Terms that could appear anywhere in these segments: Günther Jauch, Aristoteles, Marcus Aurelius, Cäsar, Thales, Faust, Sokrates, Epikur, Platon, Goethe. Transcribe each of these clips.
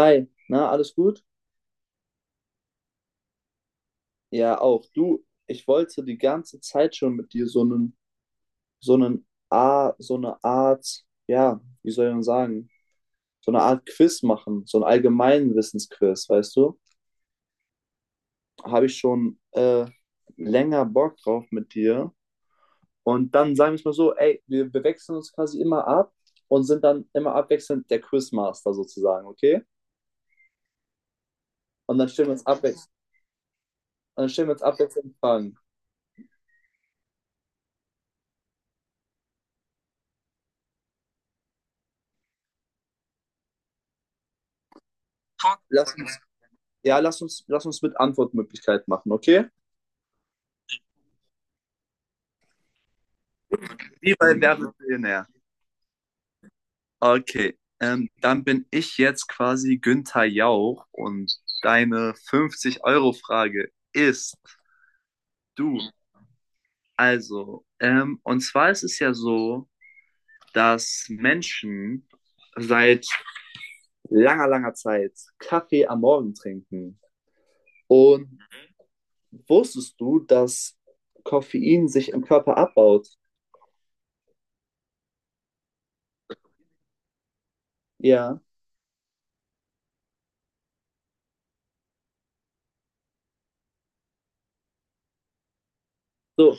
Hi, na, alles gut? Ja, auch. Du, ich wollte die ganze Zeit schon mit dir so einen A, so eine Art, ja, wie soll ich denn sagen, so eine Art Quiz machen, so ein allgemeinen Wissensquiz, weißt du? Habe ich schon länger Bock drauf mit dir. Und dann sagen wir es mal so, ey, wir wechseln uns quasi immer ab und sind dann immer abwechselnd der Quizmaster sozusagen, okay? Und dann stellen wir uns abwechselnd, dann stellen wir uns abwechselnd Fragen. Lass uns Ja, lass uns mit Antwortmöglichkeit machen, okay? Wie bei Wer wird Millionär? Okay, dann bin ich jetzt quasi Günther Jauch und deine 50-Euro-Frage ist du. Also, und zwar ist es ja so, dass Menschen seit langer, langer Zeit Kaffee am Morgen trinken. Und wusstest du, dass Koffein sich im Körper abbaut? Ja. So,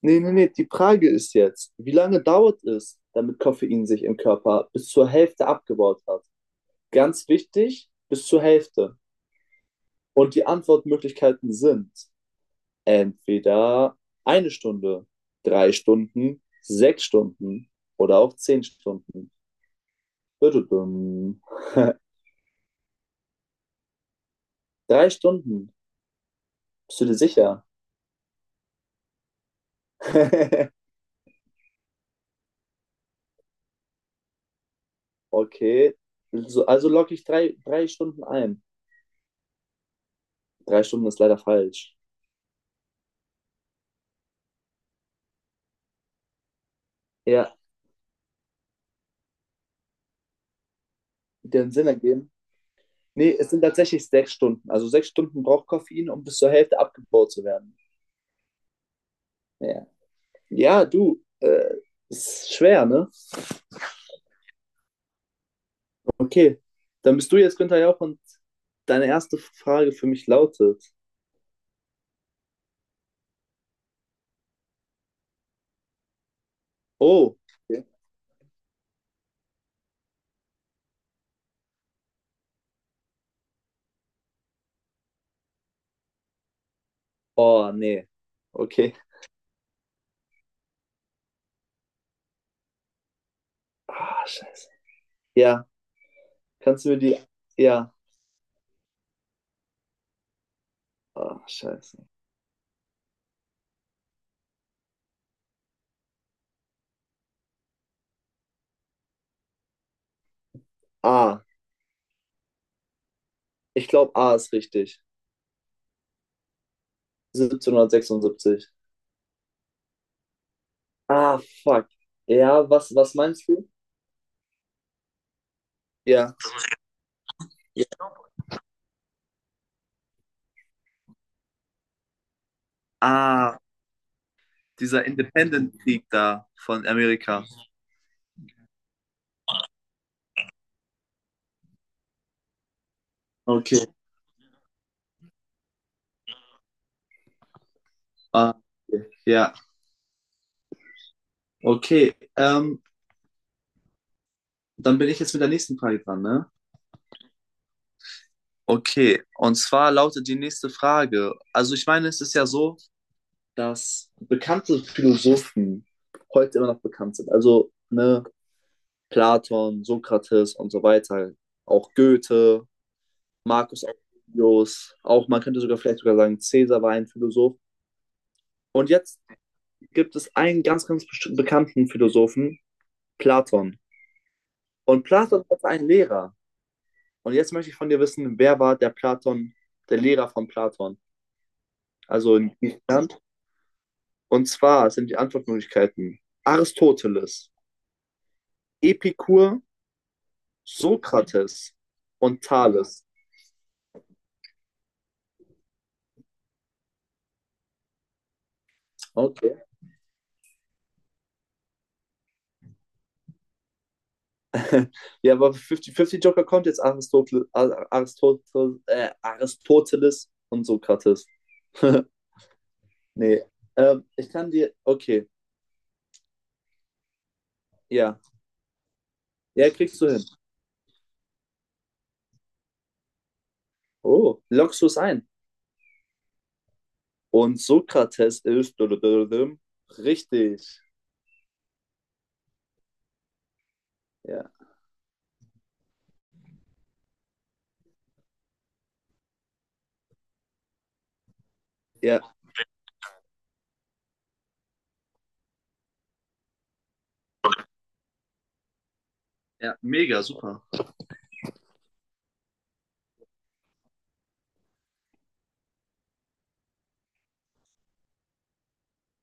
Nee, nee, nee, die Frage ist jetzt, wie lange dauert es, damit Koffein sich im Körper bis zur Hälfte abgebaut hat? Ganz wichtig, bis zur Hälfte. Und die Antwortmöglichkeiten sind entweder eine Stunde, drei Stunden, sechs Stunden oder auch zehn Stunden. Dududum. Drei Stunden, bist du dir sicher? Okay, also logge ich drei Stunden ein. Drei Stunden ist leider falsch. Ja, den Sinn ergeben. Nee, es sind tatsächlich sechs Stunden. Also sechs Stunden braucht Koffein, um bis zur Hälfte abgebaut zu werden. Ja, ja du, ist schwer, ne? Okay, dann bist du jetzt Günther Jauch und deine erste Frage für mich lautet: Oh, okay. Oh, nee, okay. Ah, scheiße. Ja, kannst du mir die. Ja, ah, scheiße. A, ich glaube, A ist richtig. 1776. Ah, fuck. Ja, was meinst du? Ja. Ah, dieser Independent-Krieg da von Amerika. Okay. Ah, okay. Ja, okay. Dann bin ich jetzt mit der nächsten Frage dran, ne? Okay, und zwar lautet die nächste Frage. Also ich meine, es ist ja so, dass bekannte Philosophen heute immer noch bekannt sind. Also, ne, Platon, Sokrates und so weiter. Auch Goethe, Marcus Aurelius, auch man könnte sogar vielleicht sogar sagen, Cäsar war ein Philosoph. Und jetzt gibt es einen ganz bekannten Philosophen, Platon. Und Platon hat einen Lehrer. Und jetzt möchte ich von dir wissen, wer war der Lehrer von Platon? Also in Griechenland. Und zwar sind die Antwortmöglichkeiten Aristoteles, Epikur, Sokrates und Thales. Okay. Ja, aber 50-50 Joker kommt jetzt Aristoteles und Sokrates. Nee. Ich kann dir. Okay. Ja. Ja, kriegst du hin. Oh, lockst du es ein? Und Sokrates ist richtig. Ja, ja, ja, mega, super.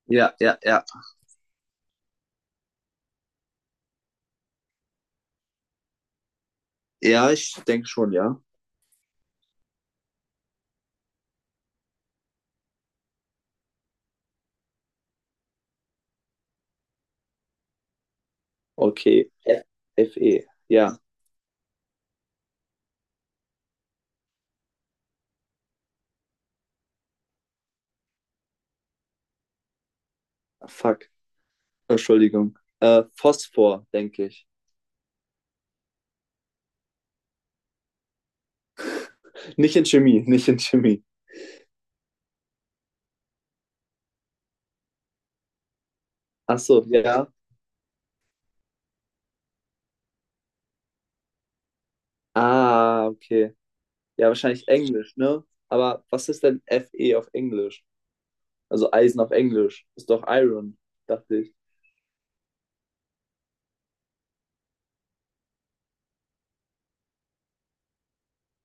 Ja, ja, ja. Ja, ich denke schon, ja. Okay. FE. Ja, fuck. Entschuldigung. Phosphor, denke ich. Nicht in Chemie, nicht in Chemie. Ach so, ja. Ah, okay. Ja, wahrscheinlich Englisch, ne? Aber was ist denn FE auf Englisch? Also Eisen auf Englisch. Ist doch Iron, dachte ich.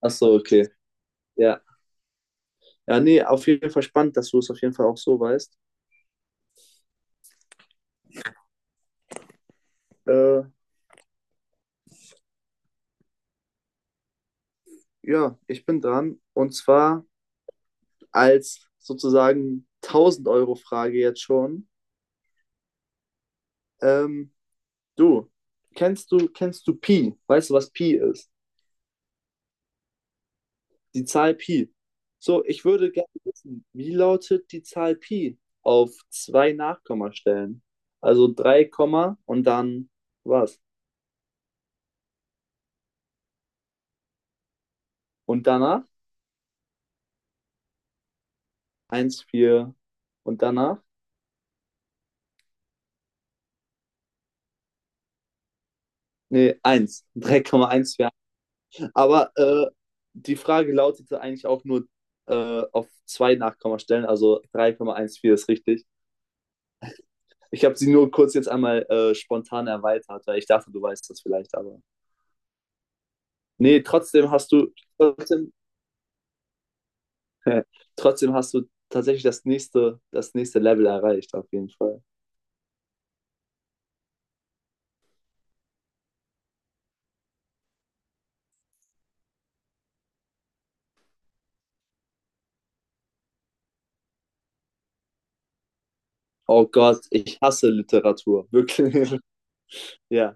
Ach so, okay. Ja. Ja, nee, auf jeden Fall spannend, dass du es auf jeden Fall auch so weißt. Äh, ja, ich bin dran. Und zwar als sozusagen 1000-Euro-Frage jetzt schon. Ähm, du, kennst du Pi? Weißt du, was Pi ist? Die Zahl Pi. So, ich würde gerne wissen, wie lautet die Zahl Pi auf zwei Nachkommastellen? Also 3 Komma und dann was? Und danach? Eins 4. Und danach? Nee, 1. 3,14 Aber die Frage lautete eigentlich auch nur auf zwei Nachkommastellen, also drei Komma eins vier ist richtig. Ich habe sie nur kurz jetzt einmal spontan erweitert, weil ich dachte, du weißt das vielleicht, aber. Nee, trotzdem hast du trotzdem, trotzdem hast du tatsächlich das nächste Level erreicht, auf jeden Fall. Oh Gott, ich hasse Literatur. Wirklich. Ja,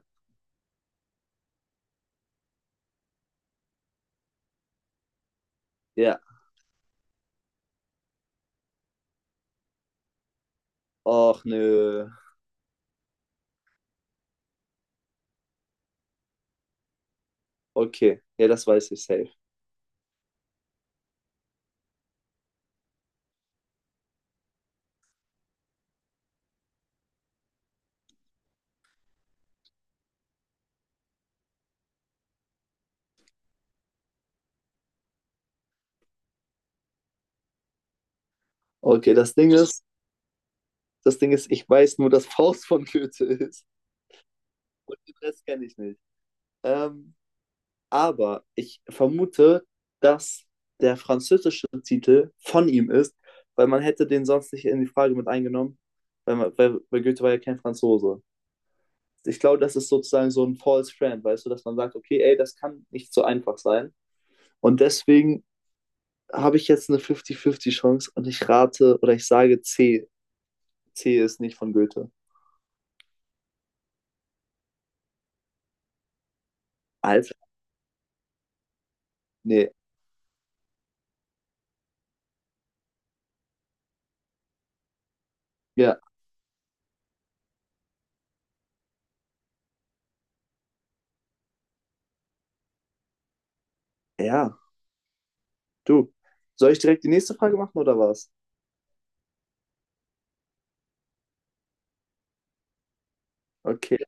ja. Och nö. Okay. Ja, das weiß ich safe. Okay, das Ding ist, ich weiß nur, dass Faust von Goethe ist. Und den Rest kenne ich nicht. Ähm, aber ich vermute, dass der französische Titel von ihm ist, weil man hätte den sonst nicht in die Frage mit eingenommen, weil Goethe war ja kein Franzose. Ich glaube, das ist sozusagen so ein false friend, weißt du, dass man sagt, okay, ey, das kann nicht so einfach sein. Und deswegen habe ich jetzt eine 50-50 Chance und ich rate oder ich sage C. C ist nicht von Goethe. Alter, nee, ja, ja, du. Soll ich direkt die nächste Frage machen oder was? Okay.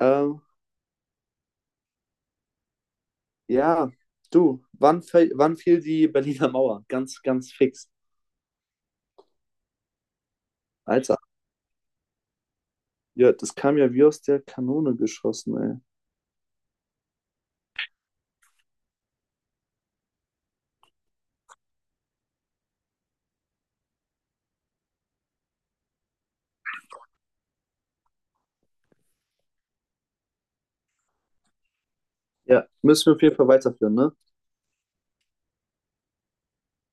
Ähm, ja, du, wann fiel die Berliner Mauer? Ganz, ganz fix. Alter, ja, das kam ja wie aus der Kanone geschossen, ey. Ja, müssen wir auf jeden Fall weiterführen, ne?